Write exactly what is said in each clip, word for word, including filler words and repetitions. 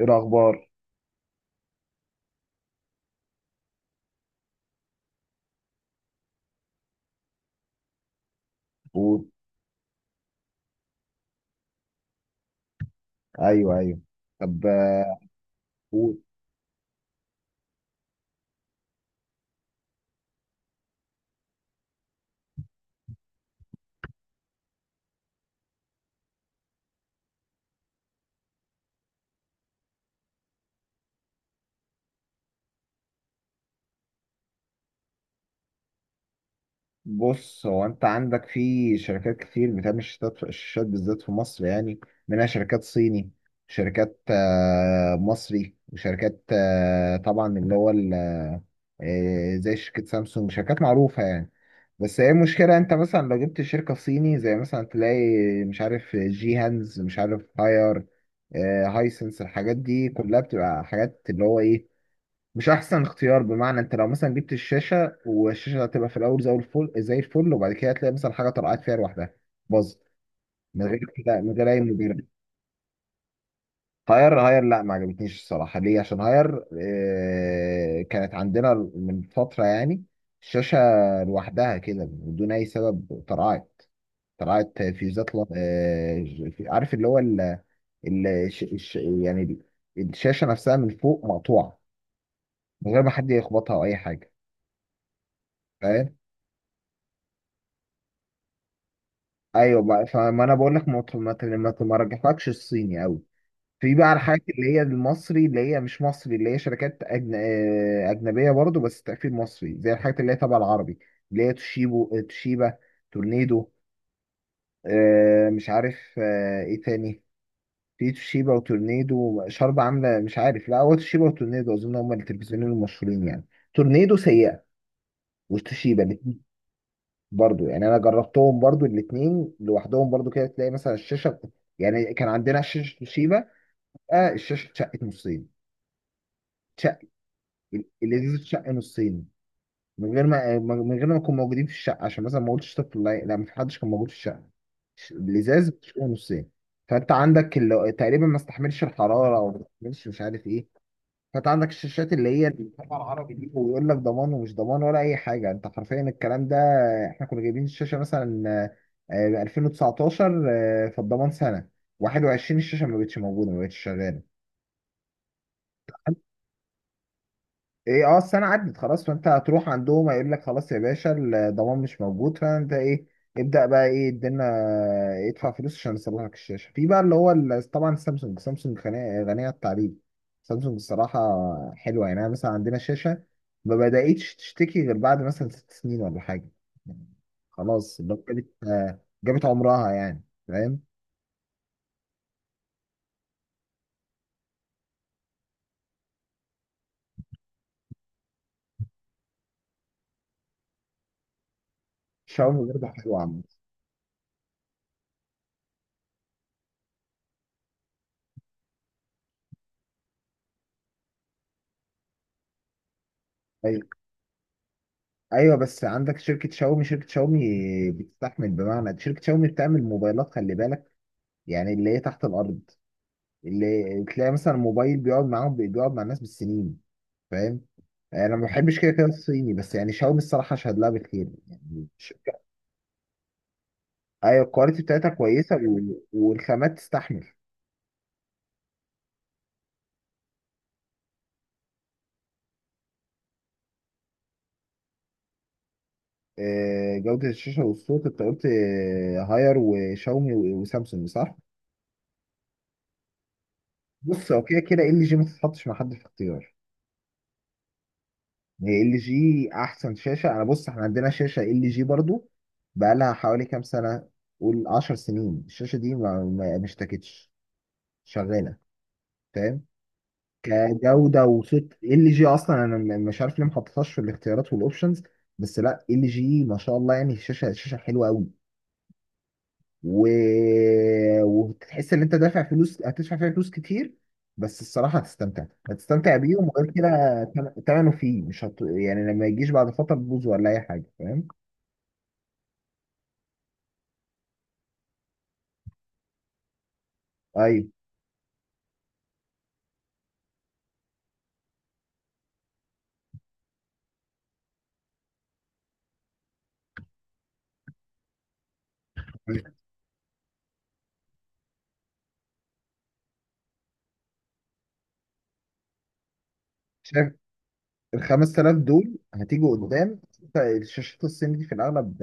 ايه الاخبار؟ قول. ايوه، ايوه. طب. آه، قول. بص، هو انت عندك في شركات كتير بتعمل شاشات، الشاشات بالذات في مصر يعني. منها شركات صيني، شركات آه، مصري، وشركات آه، طبعا اللي هو ال- آه، زي شركة سامسونج، شركات معروفة يعني. بس هي المشكلة، انت مثلا لو جبت شركة صيني زي مثلا تلاقي مش عارف جي هانز، مش عارف هاير، آه، هايسنس، الحاجات دي كلها بتبقى حاجات اللي هو ايه، مش احسن اختيار. بمعنى انت لو مثلا جبت الشاشه، والشاشه هتبقى في الاول زي الفل زي الفل، وبعد كده هتلاقي مثلا حاجه طلعت فيها لوحدها، باظ من غير كده، من غير اي مبرر. هاير هاير، لا ما عجبتنيش الصراحه. ليه؟ عشان هاير آه كانت عندنا من فتره يعني، الشاشه لوحدها كده بدون اي سبب طلعت، طلعت فيوزات ل- آه عارف اللي هو ال ال الش- الش- يعني الشاشه نفسها من فوق مقطوعه من غير ما حد يخبطها او اي حاجه. فاهم؟ ايوه بقى. فما انا بقول لك ما ت- ما ت- ما ت- ما رجحلكش الصيني قوي. في بقى الحاجات اللي هي المصري، اللي هي مش مصري، اللي هي شركات أجن... آه، اجنبيه برضو، بس تقفيل مصري، زي الحاجات اللي هي تبع العربي، اللي هي توشيبو آه، توشيبا، تورنيدو، آه، مش عارف آه، ايه تاني. في توشيبا وتورنيدو شرب عامله مش عارف، لا هو توشيبا وتورنيدو اظن هم التلفزيونين المشهورين يعني. تورنيدو سيئه وتوشيبا برضو يعني، انا جربتهم برضو الاثنين لوحدهم برضو. كده تلاقي مثلا الشاشه، يعني كان عندنا شاشه توشيبا، آه الشاشه اتشقت نصين. اتشق اللذيذ اتشق نصين من غير ما من غير ما نكون موجودين في الشقه، عشان مثلا ما قلتش طفل. لا، لا، ما في حدش كان موجود في الشقه. الازاز بتشقه نصين. فانت عندك اللي تقريبا ما استحملش الحراره او ما استحملش مش عارف ايه. فانت عندك الشاشات اللي هي الطبعة العربي دي، ويقول لك ضمان ومش ضمان ولا اي حاجه انت حرفيا. الكلام ده، احنا كنا جايبين الشاشه مثلا آه، ب ألفين وتسعتاشر، آه، فالضمان سنه واحد وعشرين، الشاشه ما بقتش موجوده، ما بقتش شغاله. ايه، اه، السنه عدت خلاص، فانت هتروح عندهم هيقول لك خلاص يا باشا، الضمان مش موجود. فانت ايه؟ ابدا بقى، ايه الدنيا، ادفع فلوس عشان يصلح لك الشاشه. في بقى اللي هو ال- طبعا سامسونج، سامسونج غنيه، غنيه عن التعريف. سامسونج الصراحه حلوه يعني. انا مثلا عندنا شاشه ما بداتش تشتكي غير بعد مثلا ست سنين ولا حاجه، خلاص اللي هو جابت آه، جابت عمرها يعني. فاهم؟ شاومي برضه حلوه عامه. ايوه، بس عندك شركه شاومي، شركه شاومي بتستحمل. بمعنى شركه شاومي بتعمل موبايلات، خلي بالك، يعني اللي هي تحت الارض، اللي تلاقي مثلا موبايل بيقعد معاهم، بيقعد مع الناس بالسنين. فاهم؟ انا ما بحبش كده كده الصيني، بس يعني شاومي الصراحه اشهد لها بالخير يعني الشركه. ايوه، الكواليتي بتاعتها كويسه، وال- والخامات تستحمل. آه، جوده الشاشه والصوت، انت قلت آه، هاير وشاومي و- وسامسونج، صح؟ بص، هو كده كده ال جي ما تتحطش مع حد في اختيار. هي ال جي احسن شاشه. انا بص، احنا عندنا شاشه ال جي برضو بقى لها حوالي كام سنه، قول عشر سنين، الشاشه دي ما ما ما اشتكتش، شغاله. فاهم؟ كجوده وصوت، ال جي اصلا انا م- مش عارف ليه ما حطيتهاش في الاختيارات والاوبشنز، بس لا، ال جي ما شاء الله يعني، الشاشه، الشاشه حلوه قوي، و... وتحس ان انت دافع فلوس، هتدفع فيها فلوس كتير بس الصراحه هتستمتع، هتستمتع بيهم. وغير كده تم- تمنه فيه، مش هت... يعني لما يجيش بعد فتره تبوظ ولا اي حاجه. فاهم؟ ايوه، شايف. ال خمس تلاف دول هتيجوا قدام، انت الشاشات الصين دي في الاغلب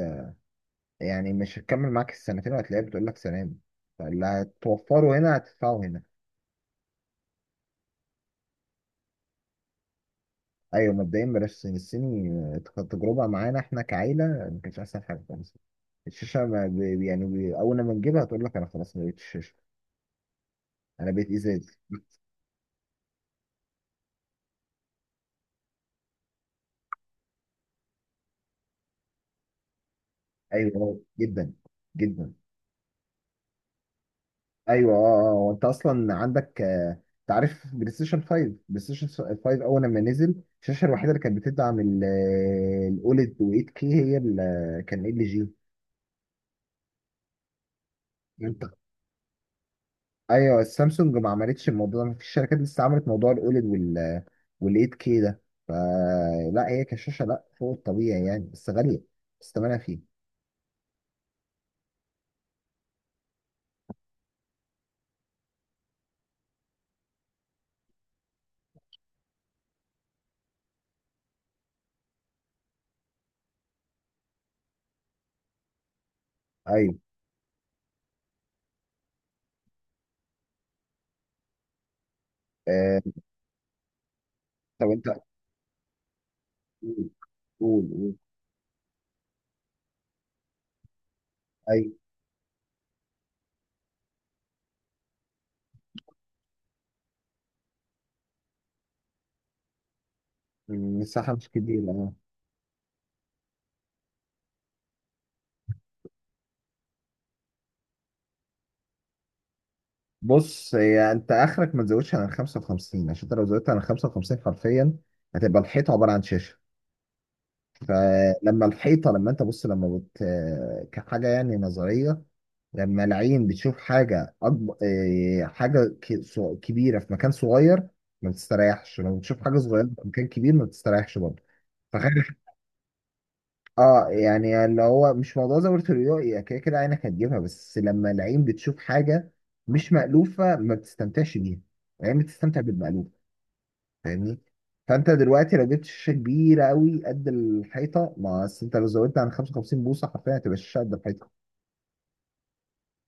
يعني مش هتكمل معاك السنتين، وهتلاقيها بتقول لك سنه دي، فاللي هتوفره هنا هتدفعه هنا. ايوه، مبدئيا بلاش الصين، الصيني. آه، تجربه معانا احنا كعيله ما كانتش احسن حاجه خالص. الشاشه ما ب- يعني ب- اول ما نجيبها هتقول لك انا خلاص ما بقتش شاشه، انا بقيت ازاز. ايوه، جدا، جدا. ايوه، اه، اه. آه. وانت اصلا عندك، آه، انت عارف بلاي ستيشن خمسة، بلاي ستيشن خمسة اول لما نزل، الشاشه الوحيده اللي كانت بتدعم الاوليد و ثمانية كي هي ال- آه، كان ال جي. انت؟ ايوه، السامسونج ما عملتش الموضوع ده، مفيش شركات لسه عملت موضوع الاوليد وال آه، وال ثمانية كي ده. فلا، هي كشاشه لا، فوق الطبيعي يعني، بس غاليه، بس ثمنها فيه. ايوه. آه، طب انت، قول، قول، قول. ايوه، المساحه مش كبيره. بص، هي انت اخرك ما تزودش عن ال خمسة وخمسين، عشان انت لو زودت عن ال خمسة وخمسين حرفيا هتبقى الحيطه عباره عن شاشه. فلما الحيطه، لما انت بص، لما بت كحاجه يعني نظريه، لما العين بتشوف حاجه أكبر، حاجه ك- ص- كبيره في مكان صغير، ما بتستريحش. لما بتشوف حاجه صغيره في مكان كبير، ما بتستريحش برضه. اه، يعني اللي هو مش موضوع زاوية الرؤية، هي كده كده عينك هتجيبها، بس لما العين بتشوف حاجة مش مألوفة ما بتستمتعش بيها. العين بتستمتع بالمألوف. فاهمني؟ فانت دلوقتي لو جبت شاشة كبيرة قوي قد الحيطة، ما أصل انت لو زودت عن خمسة وخمسين بوصة حرفيا هتبقى الشاشة قد الحيطة.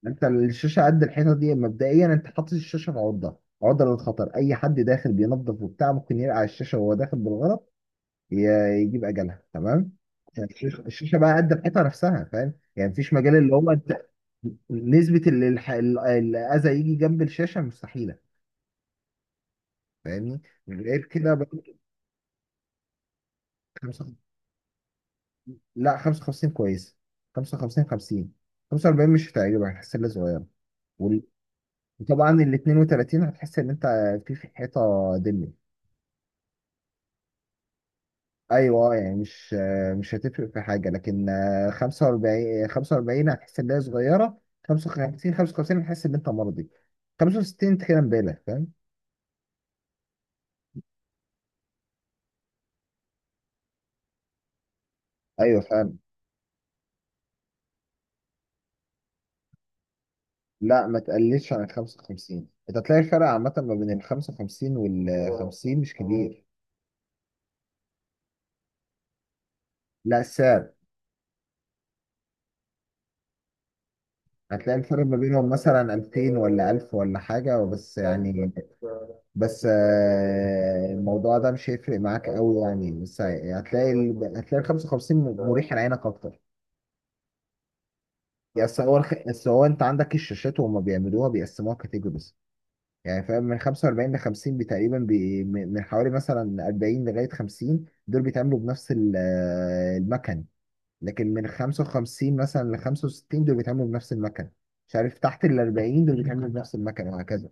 انت الشاشة قد الحيطة دي مبدئيا انت حاطط الشاشة في عرضة، عرضة للخطر. اي حد داخل بينظف وبتاع ممكن يرقع الشاشة وهو داخل بالغلط، ي- يجيب اجلها. تمام، الشيشه، الشيشة بقى قد الحيطه نفسها. فاهم يعني؟ مفيش مجال اللي هو انت، نسبه ال- الح- ال- الاذى يجي جنب الشاشه مستحيله. فاهمني؟ غير كده برضه. خمسة، لا خمسة وخمسين كويسه. خمسة وخمسين، خمسين، خمسة وأربعين مش هتعجبك، هتحس انها صغيره. وال- وطبعا ال اتنين وتلاتين هتحس ان انت في في حيطه دم. ايوه، آه، يعني مش، آه، مش هتفرق في حاجه، لكن آه، خمسة وأربعين، خمسة وأربعين هتحس ان هي صغيره. خمسة وخمسين، خمسة وخمسين هتحس ان انت مرضي. خمسة وستين انت كده مبالغ. فاهم؟ ايوه، فاهم. لا، ما تقللش عن ال خمسة وخمسين، انت هتلاقي الفرق عامه ما بين ال خمسة وخمسين وال خمسين مش كبير. لا، السعر هتلاقي الفرق ما بينهم مثلا ألفين ولا ألف ولا حاجه، بس يعني. بس آه، الموضوع ده مش هيفرق معاك قوي يعني، بس هتلاقي ال... هتلاقي ال خمسة وخمسين مريح لعينك اكتر. بس هو الخ... بس هو انت عندك الشاشات وهم بيعملوها بيقسموها كاتيجوريز، يعني فاهم؟ من خمسة وأربعين ل خمسين بي- تقريبا بي... من من حوالي مثلا أربعين لغايه خمسين دول بيتعملوا بنفس ال- آه، المكن. لكن من خمسة وخمسين مثلا ل خمسة وستين دول بيتعملوا بنفس المكن. مش عارف، تحت ال أربعين دول بيتعملوا بنفس المكن، وهكذا.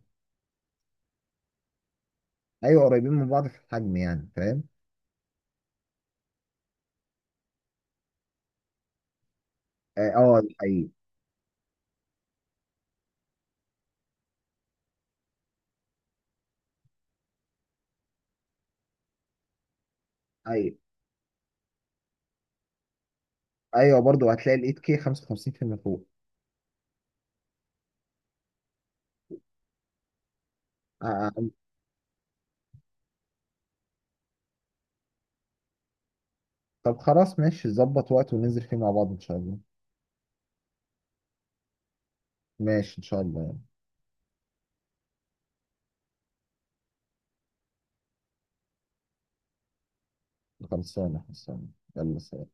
ايوه، قريبين من بعض في الحجم يعني. فاهم؟ اه، آه، ايوه. ايوه، ايوه، برضه هتلاقي ال ثمانية كي خمسة وخمسين بالمية فوق. آه، آه. طب خلاص، ماشي، ظبط وقت وننزل فيه مع بعض ان شاء الله. ماشي ان شاء الله. خلصانة، خلصانة. يلا، سلام.